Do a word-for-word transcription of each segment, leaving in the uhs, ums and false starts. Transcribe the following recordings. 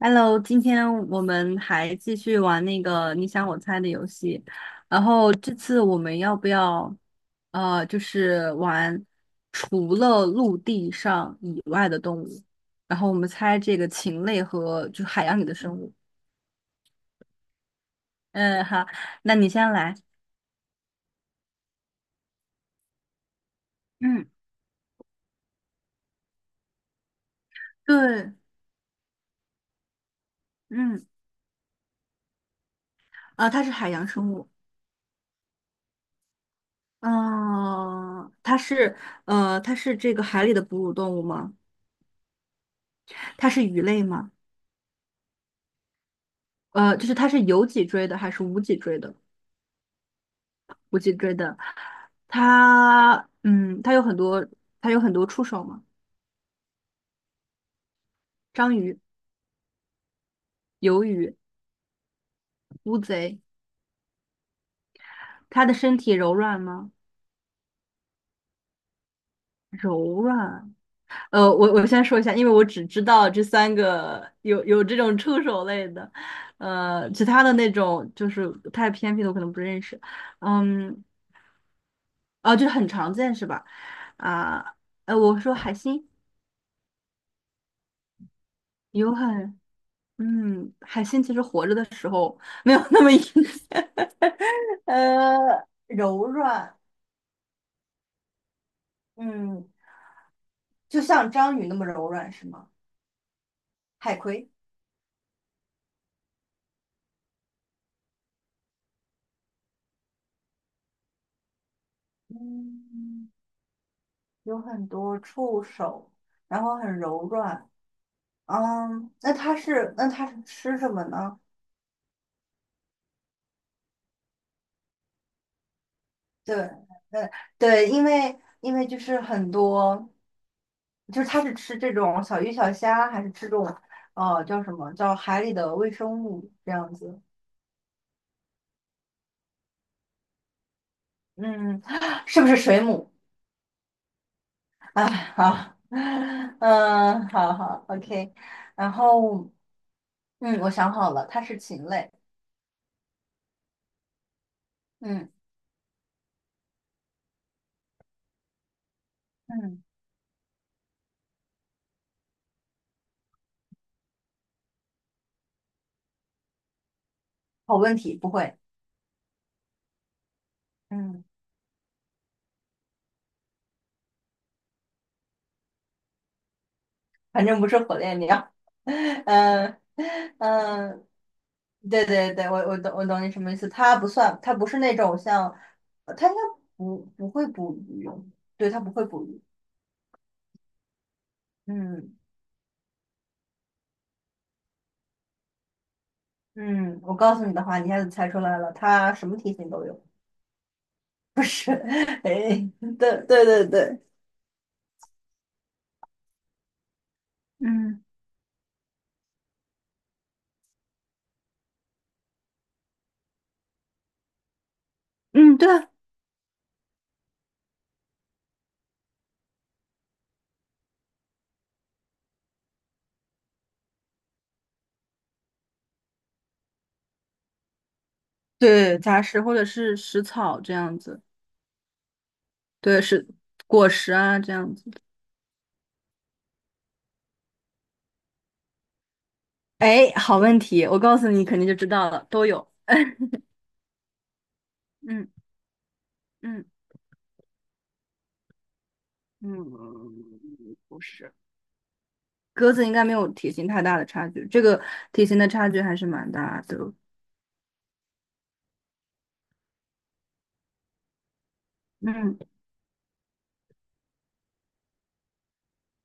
Hello，今天我们还继续玩那个你想我猜的游戏，然后这次我们要不要，呃，就是玩除了陆地上以外的动物，然后我们猜这个禽类和就海洋里的生物。嗯，好，那你先来。嗯，对，嗯，啊、它是海洋生物。嗯、它是，呃，它是这个海里的哺乳动物吗？它是鱼类吗？呃，就是它是有脊椎的还是无脊椎的？我记追的，它嗯，它有很多，它有很多触手嘛，章鱼、鱿鱼、乌贼，它的身体柔软吗？柔软。呃，我我先说一下，因为我只知道这三个有有这种触手类的，呃，其他的那种就是太偏僻的我可能不认识。嗯，啊，就是很常见是吧？啊，呃，我说海星有很嗯，海星其实活着的。没有那么硬，呃，柔软，嗯，就像章鱼那么柔软是吗？海葵，嗯，有很多触手，然后很柔软，嗯，那它是那它是吃什么呢？对，呃，对，因为因为就是很多，就是它是吃这种小鱼小虾，还是吃这种呃叫什么叫海里的微生物这样子？嗯，是不是水母？啊，好，嗯，好好，O K。然后，嗯，我想好了，它是禽类。嗯嗯，好问题，不会。嗯，反正不是火烈鸟。嗯嗯，对对对，我我懂我懂你什么意思。它不算，它不是那种像，呃它应该不不会捕鱼。对，它不会捕鱼。嗯嗯，我告诉你的话，你一下子猜出来了，它什么体型都有。不是，哎，对对对对。嗯嗯，对啊对，杂食或者是食草这样子，对，是果实啊这样子。哎，好问题，我告诉你，肯定就知道了，都有。嗯嗯嗯，不是，鸽子应该没有体型太大的差距，这个体型的差距还是蛮大的哦。嗯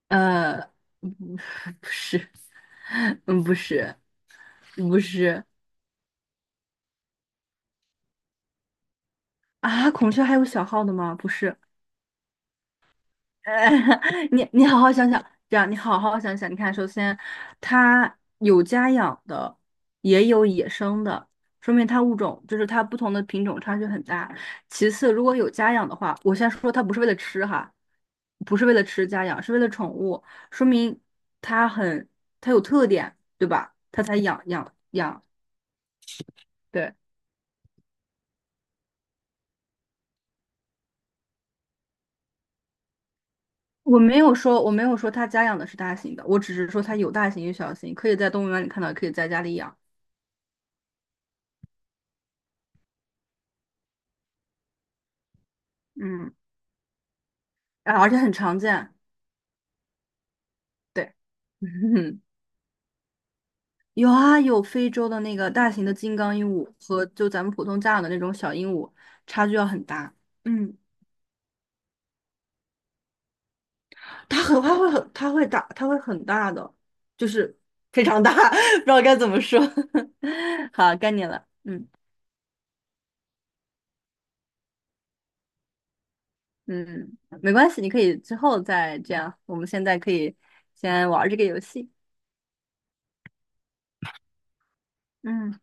呃，不 不是，嗯不是不是啊，孔雀还有小号的吗？不是。呃，你你好好想想，这样你好好想想。你看，首先，它有家养的，也有野生的，说明它物种就是它不同的品种差距很大。其次，如果有家养的话，我先说它不是为了吃哈，不是为了吃家养，是为了宠物，说明它很它有特点，对吧？它才养养养。对，我没有说我没有说它家养的是大型的，我只是说它有大型有小型，可以在动物园里看到，也可以在家里养。嗯。啊，而且很常见。对，有啊，有非洲的那个大型的金刚鹦鹉和就咱们普通家养的那种小鹦鹉，差距要很大。嗯，它 很它会很它会大，它会很大的，就是非常大，不知道该怎么说。好，该你了。嗯嗯，没关系，你可以之后再这样。我们现在可以先玩儿这个游戏。嗯，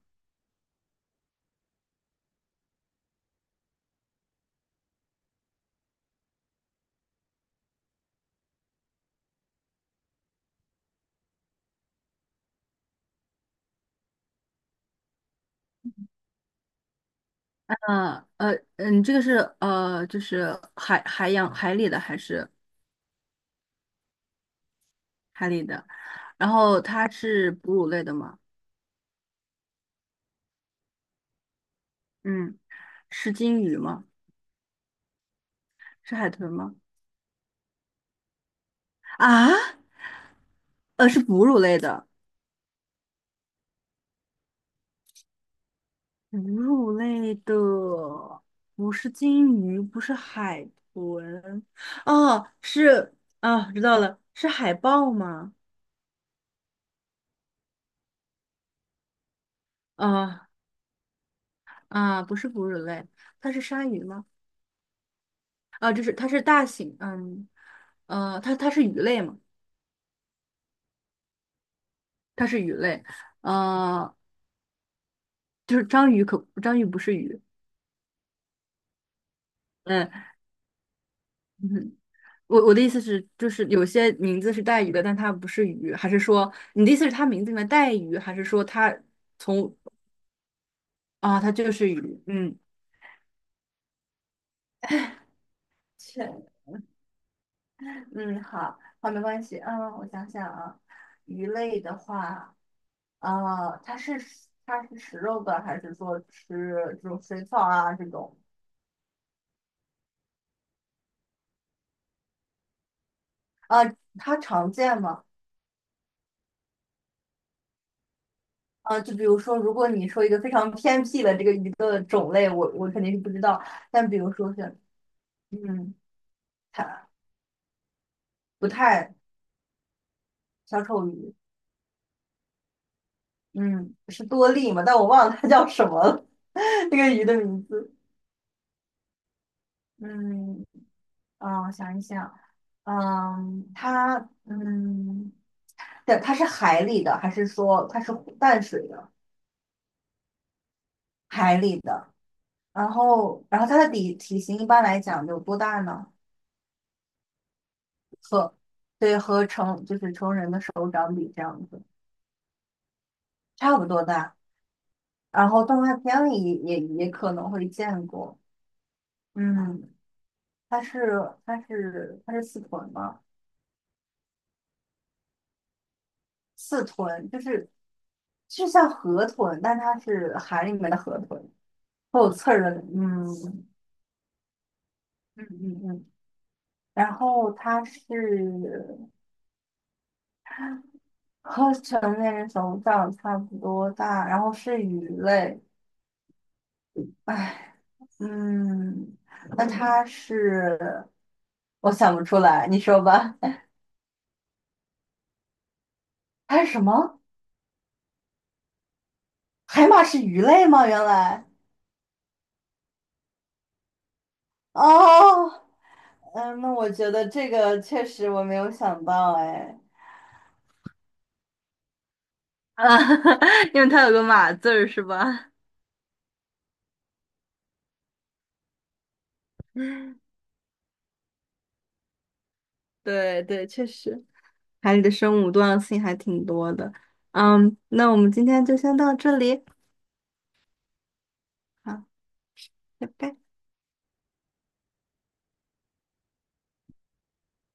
呃呃嗯，这个是呃，就是海海洋海里的还是？海里的。然后它是哺乳类的吗？嗯，是鲸鱼吗？是海豚吗？啊，呃，是哺乳类的，哺乳类的，不是鲸鱼，不是海豚，哦，是啊，知道了，是海豹吗？啊啊，不是哺乳类，它是鲨鱼吗？啊，就是它是大型，嗯，呃，它它是鱼类吗？它是鱼类，呃，就是章鱼可章鱼不是鱼，嗯。我我的意思是，就是有些名字是带鱼的，但它不是鱼，还是说你的意思是它名字里面带鱼，还是说它从啊，它就是鱼？嗯，是，嗯，好，好，没关系，嗯，我想想啊，鱼类的话，啊，它是它是食肉的，还是说吃这种水草啊这种？啊，它常见吗？啊，就比如说，如果你说一个非常偏僻的这个鱼的种类，我我肯定是不知道，但比如说是，嗯。它。不太小丑鱼，嗯，是多利嘛，但我忘了它叫什么了，那个鱼的名字，嗯，啊，我想一想，嗯，它，嗯，对，它是海里的，还是说它是湖淡水的？海里的，然后，然后它的体体型一般来讲有多大呢？对，和成就是成人的手掌比这样子，差不多大。然后动画片里也也可能会见过，嗯。它是它是它是四臀吗？四臀就是就像河豚，但它是海里面的河豚，会有刺儿的，嗯嗯嗯嗯。然后它是和成年人手掌差不多大，然后是鱼类，唉，嗯，那它是我想不出来，你说吧，它是什么？海马是鱼类吗？原来。哦，嗯，那我觉得这个确实我没有想到，哎，啊，因为它有个马字儿是吧？对对，确实，海里的生物多样性还挺多的。嗯，那我们今天就先到这里，好，拜拜。